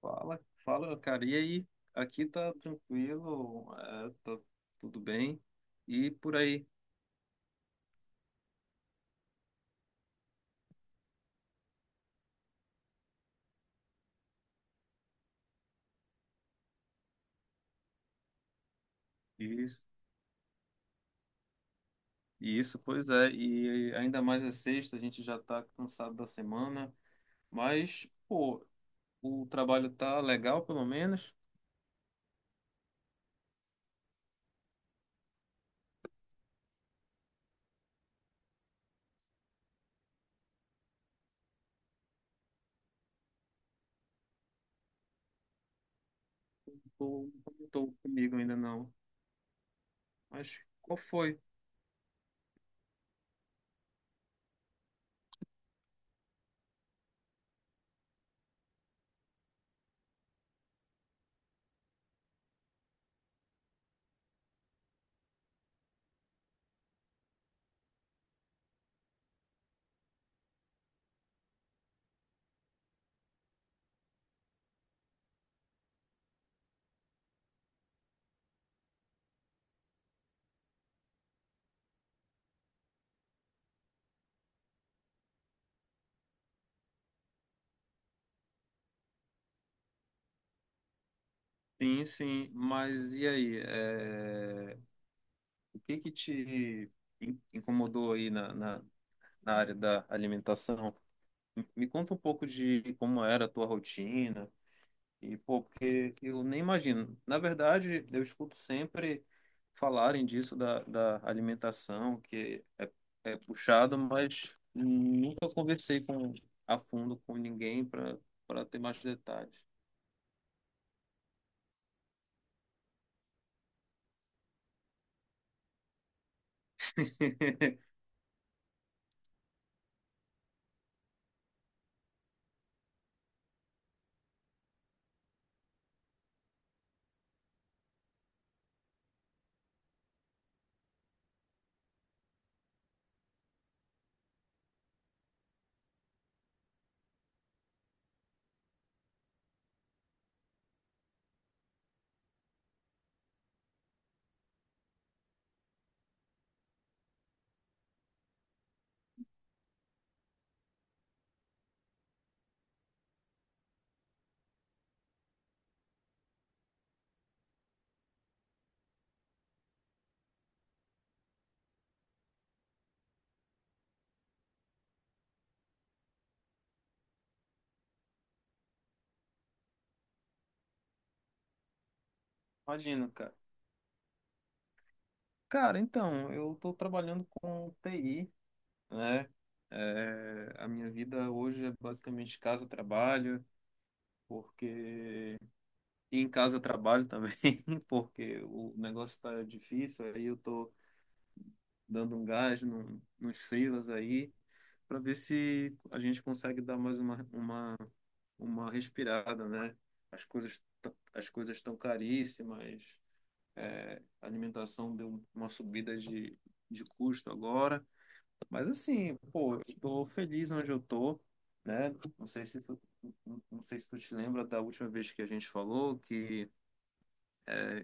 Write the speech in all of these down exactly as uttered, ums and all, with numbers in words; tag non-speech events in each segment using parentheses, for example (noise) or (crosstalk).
Fala, fala, cara. E aí? Aqui tá tranquilo, é, tá tudo bem. E por aí? Isso. Isso, pois é. E ainda mais é sexta, a gente já tá cansado da semana. Mas, pô, o trabalho tá legal, pelo menos. Tô, não tô comigo ainda não. Mas qual foi? Sim, sim. Mas e aí? É, O que que te in- incomodou aí na, na, na área da alimentação? Me conta um pouco de como era a tua rotina e pô, porque eu nem imagino. Na verdade, eu escuto sempre falarem disso da, da alimentação, que é, é puxado, mas nunca conversei com a fundo com ninguém para para ter mais detalhes. (laughs) Imagino, cara. Cara, então, eu estou trabalhando com T I, né? É, a minha vida hoje é basicamente casa-trabalho, porque E em casa eu trabalho também, (laughs) porque o negócio está difícil, aí eu tô dando um gás no, nos freelas aí, para ver se a gente consegue dar mais uma, uma, uma respirada, né? As coisas t- as coisas estão caríssimas, é, a alimentação deu uma subida de, de custo agora, mas assim, pô, eu tô feliz onde eu tô, né? Não sei se tu, não não sei se tu te lembra da última vez que a gente falou que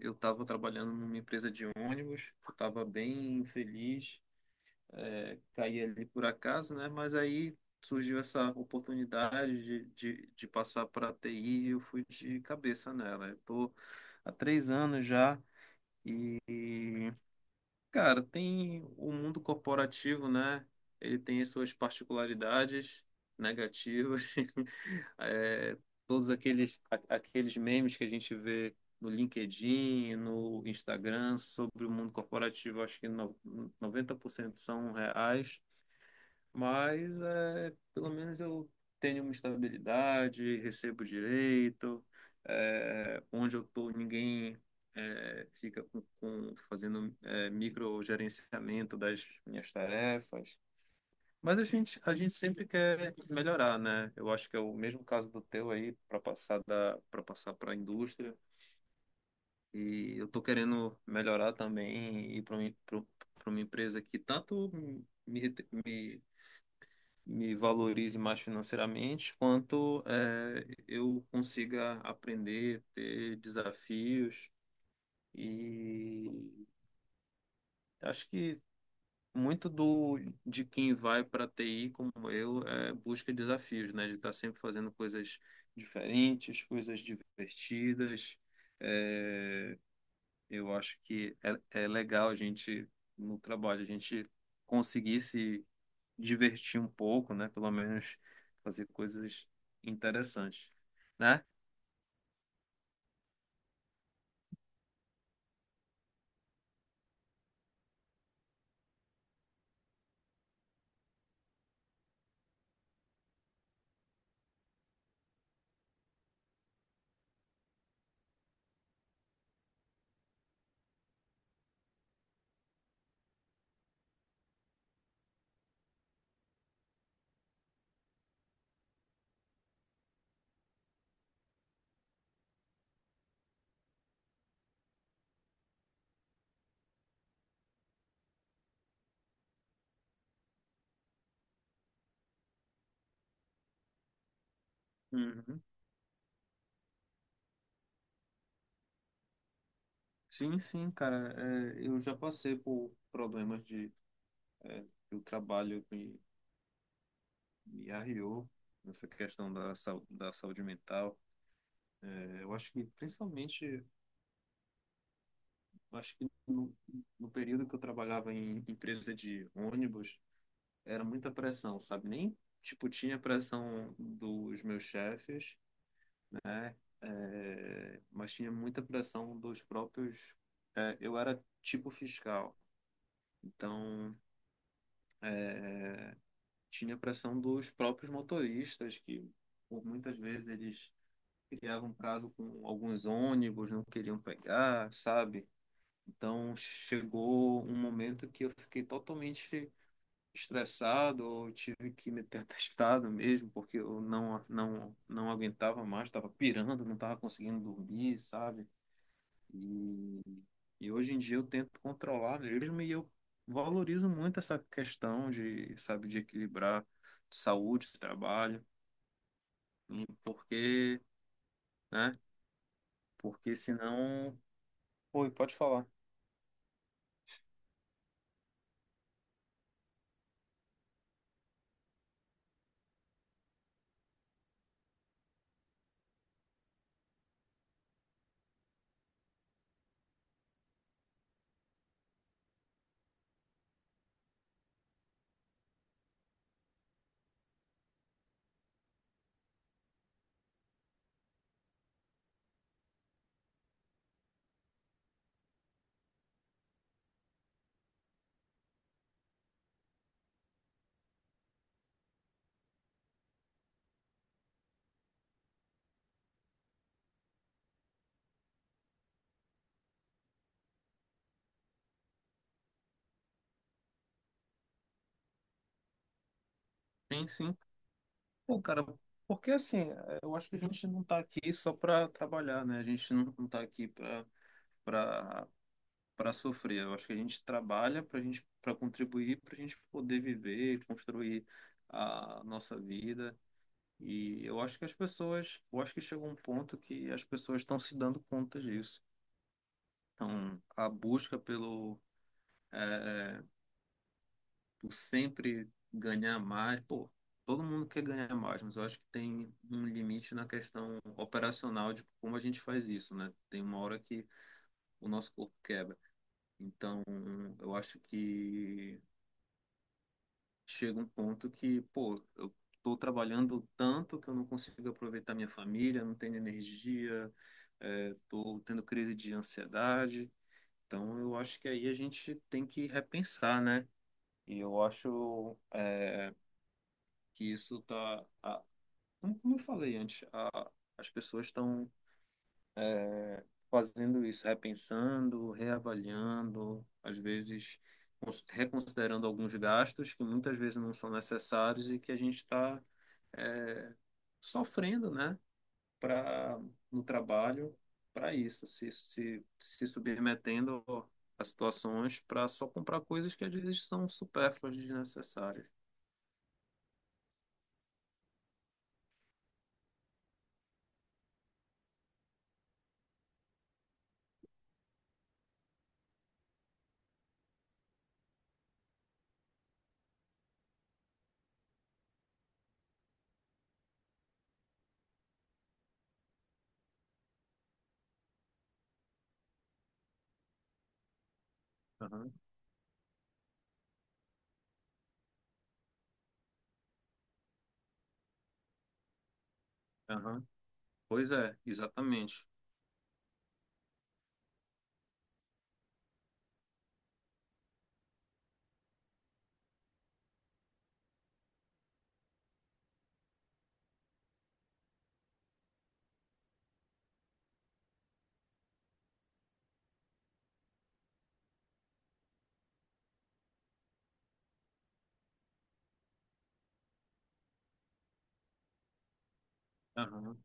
eu estava trabalhando numa empresa de ônibus, estava bem feliz, é, caí ali por acaso, né? Mas aí surgiu essa oportunidade de, de, de passar para a T I e eu fui de cabeça nela. Eu tô há três anos já e, cara, tem o mundo corporativo, né? Ele tem as suas particularidades negativas. (laughs) É, todos aqueles, a- aqueles memes que a gente vê no LinkedIn, no Instagram sobre o mundo corporativo, acho que no, noventa por cento são reais. Mas é, pelo menos eu tenho uma estabilidade, recebo direito, é, onde eu estou ninguém, é, fica com, com- fazendo, é, microgerenciamento das minhas tarefas. Mas a gente, a gente sempre quer melhorar, né? Eu acho que é o mesmo caso do teu aí, para passar da, para passar para a indústria. E eu estou querendo melhorar também e ir para uma empresa que tanto me, me me valorize mais financeiramente, quanto eh, eu consiga aprender, ter desafios. E acho que muito do de quem vai para T I como eu é busca desafios, né? De estar sempre fazendo coisas diferentes, coisas divertidas. Eh, eu acho que é, é legal a gente, no trabalho, a gente conseguir se divertir um pouco, né? Pelo menos fazer coisas interessantes, né? Uhum. Sim, sim, cara. É, eu já passei por problemas de, é, que o trabalho me, me arriou nessa questão da, sau- da saúde mental. É, eu acho que, principalmente, eu acho que no, no período que eu trabalhava em empresa de ônibus, era muita pressão, sabe? Nem, tipo, tinha pressão dos meus chefes. É, é, mas tinha muita pressão dos próprios. É, eu era tipo fiscal, então, é, tinha pressão dos próprios motoristas, que por muitas vezes eles criavam caso com alguns ônibus, não queriam pegar, sabe? Então chegou um momento que eu fiquei totalmente estressado, eu tive que meter atestado (laughs) mesmo, porque eu não, não, não aguentava mais, estava pirando, não estava conseguindo dormir, sabe? E, e hoje em dia eu tento controlar mesmo e eu valorizo muito essa questão de, sabe, de equilibrar saúde, trabalho, e porque, né? Porque senão. Oi, pode falar. Sim, sim. Pô, cara, porque assim, eu acho que a gente não tá aqui só para trabalhar, né? A gente não não tá aqui para para para sofrer. Eu acho que a gente trabalha para gente, para contribuir, para a gente poder viver, construir a nossa vida. E eu acho que as pessoas, eu acho que chegou um ponto que as pessoas estão se dando conta disso. Então, a busca pelo, é, por sempre ganhar mais, pô, todo mundo quer ganhar mais, mas eu acho que tem um limite na questão operacional de como a gente faz isso, né? Tem uma hora que o nosso corpo quebra. Então, eu acho que chega um ponto que, pô, eu tô trabalhando tanto que eu não consigo aproveitar minha família, não tenho energia, é, tô tendo crise de ansiedade. Então, eu acho que aí a gente tem que repensar, né? E eu acho, é, que isso tá, a- como como eu falei antes, a- as pessoas estão fazendo isso, repensando, reavaliando, às vezes cons- reconsiderando alguns gastos que muitas vezes não são necessários e que a gente está, é, sofrendo, né, para, no trabalho, para isso, se, se, se submetendo a situações para só comprar coisas que às vezes são supérfluas, desnecessárias. Aham, aham. Pois é, exatamente. Aham.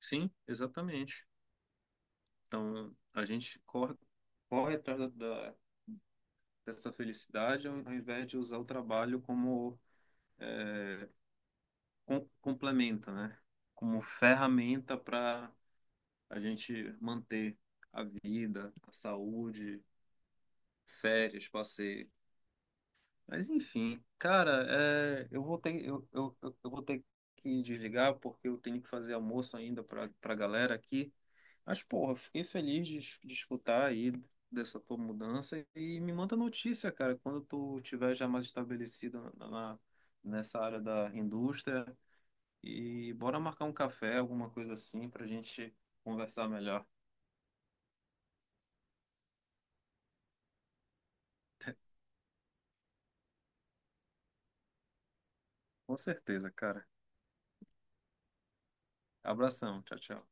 Sim, exatamente. Então, a gente corre, corre atrás da, da- dessa felicidade ao, ao invés de usar o trabalho como com- complemento, né? Como ferramenta para a gente manter a vida, a saúde, férias, passeio. Mas enfim, cara, é, eu vou ter, eu, eu, eu eu vou ter que desligar porque eu tenho que fazer almoço ainda para para galera aqui. Mas, porra, fiquei feliz de, es- de escutar aí dessa tua mudança e me manda notícia, cara, quando tu tiver já mais estabelecido na, na- nessa área da indústria e bora marcar um café, alguma coisa assim, pra gente conversar melhor. (laughs) Com certeza, cara. Abração, tchau, tchau.